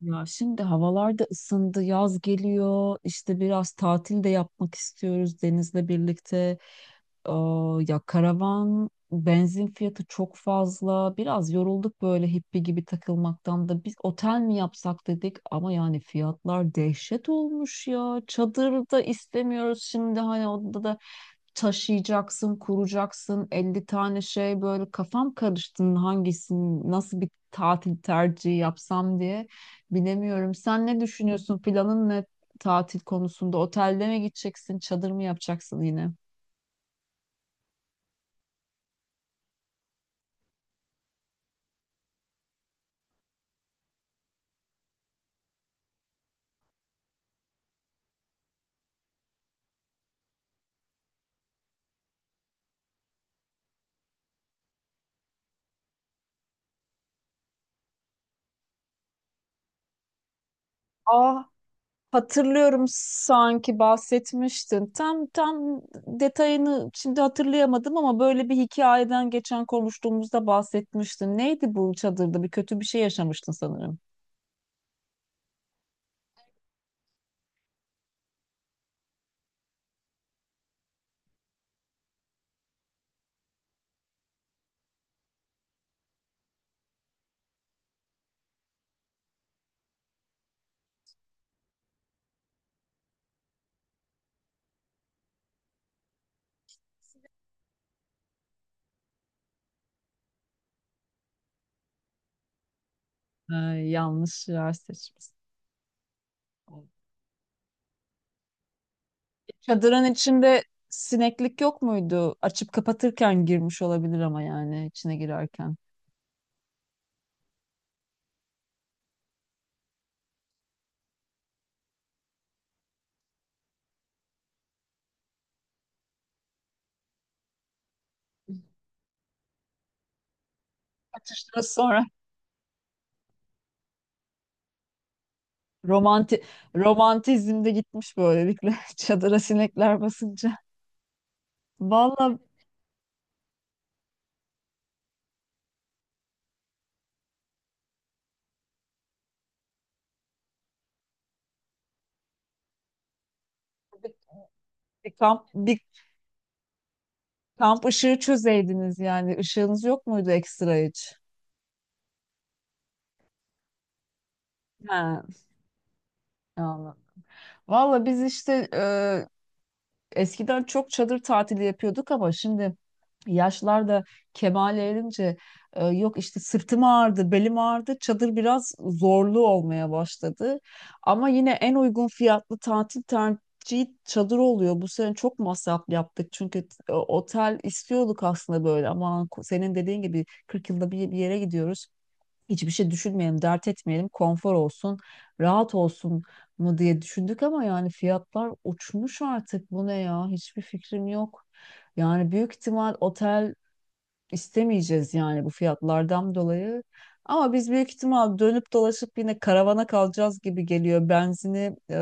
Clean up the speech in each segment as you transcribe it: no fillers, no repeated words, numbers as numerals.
Ya şimdi havalar da ısındı, yaz geliyor. İşte biraz tatil de yapmak istiyoruz denizle birlikte. Aa, ya karavan benzin fiyatı çok fazla. Biraz yorulduk böyle hippie gibi takılmaktan da. Biz otel mi yapsak dedik ama yani fiyatlar dehşet olmuş ya. Çadır da istemiyoruz şimdi, hani odada da taşıyacaksın, kuracaksın, elli tane şey. Böyle kafam karıştı, hangisini, nasıl bir tatil tercihi yapsam diye bilemiyorum. Sen ne düşünüyorsun? Planın ne tatil konusunda? Otelde mi gideceksin, çadır mı yapacaksın yine? Ah, hatırlıyorum sanki bahsetmiştin. Tam detayını şimdi hatırlayamadım ama böyle bir hikayeden geçen konuştuğumuzda bahsetmiştin. Neydi bu çadırda? Bir kötü bir şey yaşamıştın sanırım. Ee, Yanlış yer seçmişsin. Çadırın içinde sineklik yok muydu? Açıp kapatırken girmiş olabilir ama yani içine girerken. Atıştıra sonra romanti romantizm de gitmiş böylelikle çadıra sinekler basınca. Vallahi bir, bir kamp ışığı çözeydiniz, yani ışığınız yok muydu ekstra hiç? He, anladım. Valla biz işte eskiden çok çadır tatili yapıyorduk ama şimdi yaşlar da kemale erince, yok işte sırtım ağrıdı, belim ağrıdı. Çadır biraz zorlu olmaya başladı. Ama yine en uygun fiyatlı tatil tercihi çadır oluyor. Bu sene çok masraf yaptık çünkü otel istiyorduk aslında böyle, ama senin dediğin gibi 40 yılda bir, bir yere gidiyoruz, hiçbir şey düşünmeyelim, dert etmeyelim, konfor olsun, rahat olsun mu diye düşündük, ama yani fiyatlar uçmuş artık. Bu ne ya? Hiçbir fikrim yok. Yani büyük ihtimal otel istemeyeceğiz yani, bu fiyatlardan dolayı. Ama biz büyük ihtimal dönüp dolaşıp yine karavana kalacağız gibi geliyor. Benzini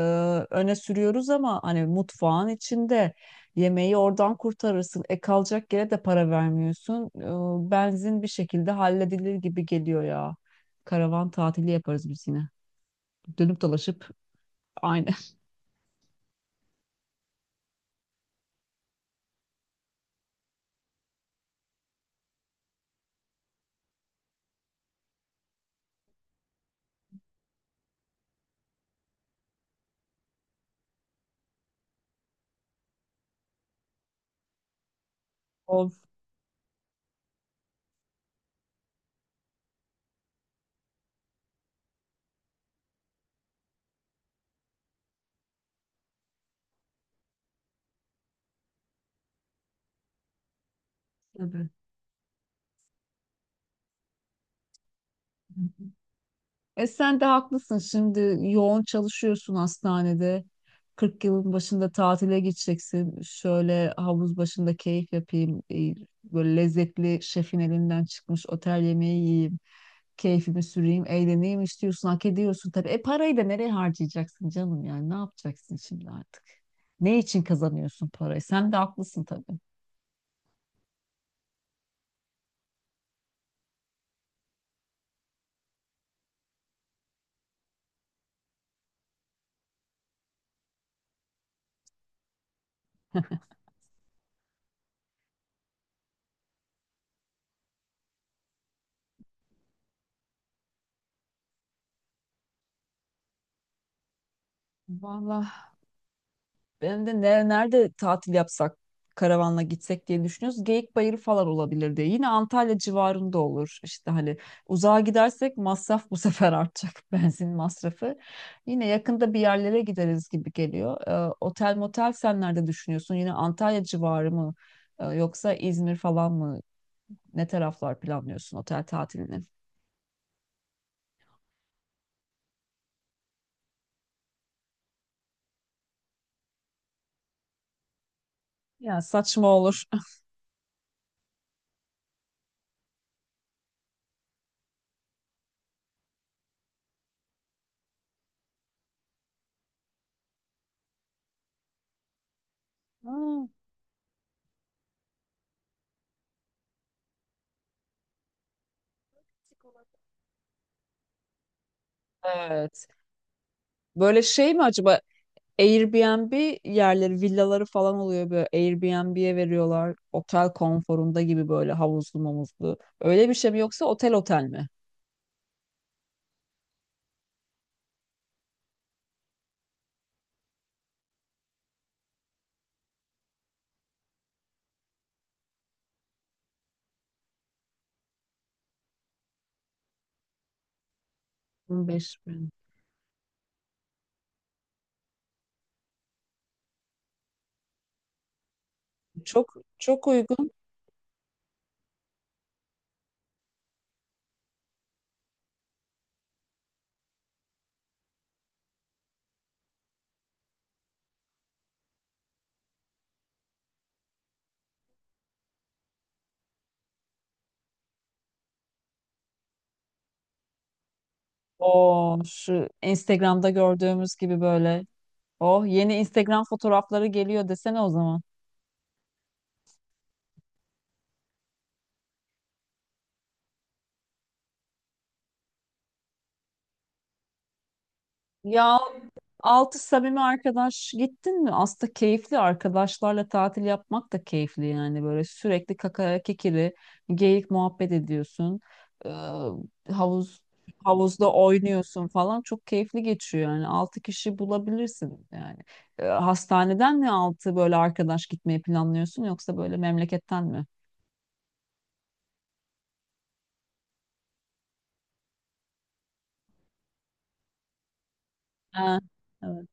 öne sürüyoruz ama hani mutfağın içinde yemeği oradan kurtarırsın. E kalacak yere de para vermiyorsun. Benzin bir şekilde halledilir gibi geliyor ya. Karavan tatili yaparız biz yine. Dönüp dolaşıp aynı. Of, tabii. Hı. E sen de haklısın. Şimdi yoğun çalışıyorsun hastanede. Kırk yılın başında tatile gideceksin. Şöyle havuz başında keyif yapayım, böyle lezzetli şefin elinden çıkmış otel yemeği yiyeyim. Keyfimi süreyim, eğleneyim istiyorsun. Hak ediyorsun tabii. E parayı da nereye harcayacaksın canım yani? Ne yapacaksın şimdi artık? Ne için kazanıyorsun parayı? Sen de haklısın tabii. Vallahi benim de nerede tatil yapsak, karavanla gitsek diye düşünüyoruz. Geyikbayırı falan olabilir diye. Yine Antalya civarında olur. İşte hani uzağa gidersek masraf bu sefer artacak. Benzin masrafı. Yine yakında bir yerlere gideriz gibi geliyor. Otel motel sen nerede düşünüyorsun? Yine Antalya civarı mı? Yoksa İzmir falan mı? Ne taraflar planlıyorsun otel tatilini? Ya saçma olur. Aa, evet. Böyle şey mi acaba, Airbnb yerleri, villaları falan oluyor böyle. Airbnb'ye veriyorlar. Otel konforunda gibi, böyle havuzlu mamuzlu. Öyle bir şey mi, yoksa otel mi? 15 bin. Çok çok uygun. O şu Instagram'da gördüğümüz gibi böyle. Oh, yeni Instagram fotoğrafları geliyor desene o zaman. Ya, altı samimi arkadaş gittin mi? Aslında keyifli arkadaşlarla tatil yapmak da keyifli yani, böyle sürekli kakara kikiri geyik muhabbet ediyorsun. Ee, havuz havuzda oynuyorsun falan, çok keyifli geçiyor yani. Altı kişi bulabilirsin yani. Hastaneden mi altı böyle arkadaş gitmeyi planlıyorsun, yoksa böyle memleketten mi? Ha, evet.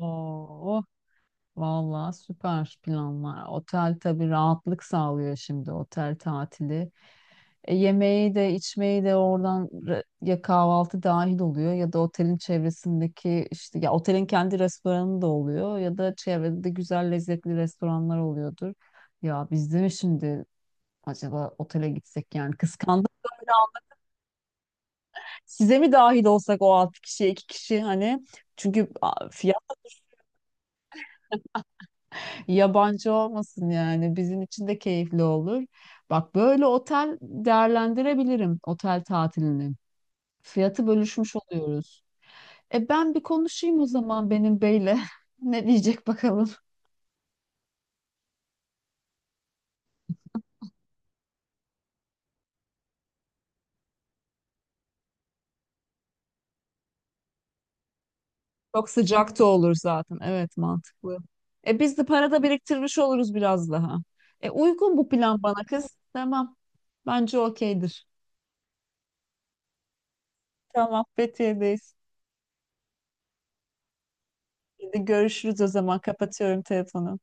Oo, oh, vallahi süper planlar. Otel tabii rahatlık sağlıyor şimdi otel tatili. E, yemeği de içmeyi de oradan ya kahvaltı dahil oluyor, ya da otelin çevresindeki işte, ya otelin kendi restoranı da oluyor, ya da çevrede güzel lezzetli restoranlar oluyordur. Ya biz de mi şimdi acaba otele gitsek yani, kıskandım. Size mi dahil olsak, o altı kişi iki kişi, hani çünkü fiyat yabancı olmasın yani, bizim için de keyifli olur. Bak, böyle otel değerlendirebilirim otel tatilini. Fiyatı bölüşmüş oluyoruz. E ben bir konuşayım o zaman benim beyle. Ne diyecek bakalım. Çok sıcak da olur zaten. Evet, mantıklı. E biz de para da biriktirmiş oluruz biraz daha. E uygun bu plan bana kız. Tamam. Bence okeydir. Tamam, Fethiye'deyiz. Hadi görüşürüz o zaman. Kapatıyorum telefonu.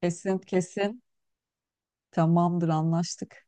Kesin kesin. Tamamdır, anlaştık.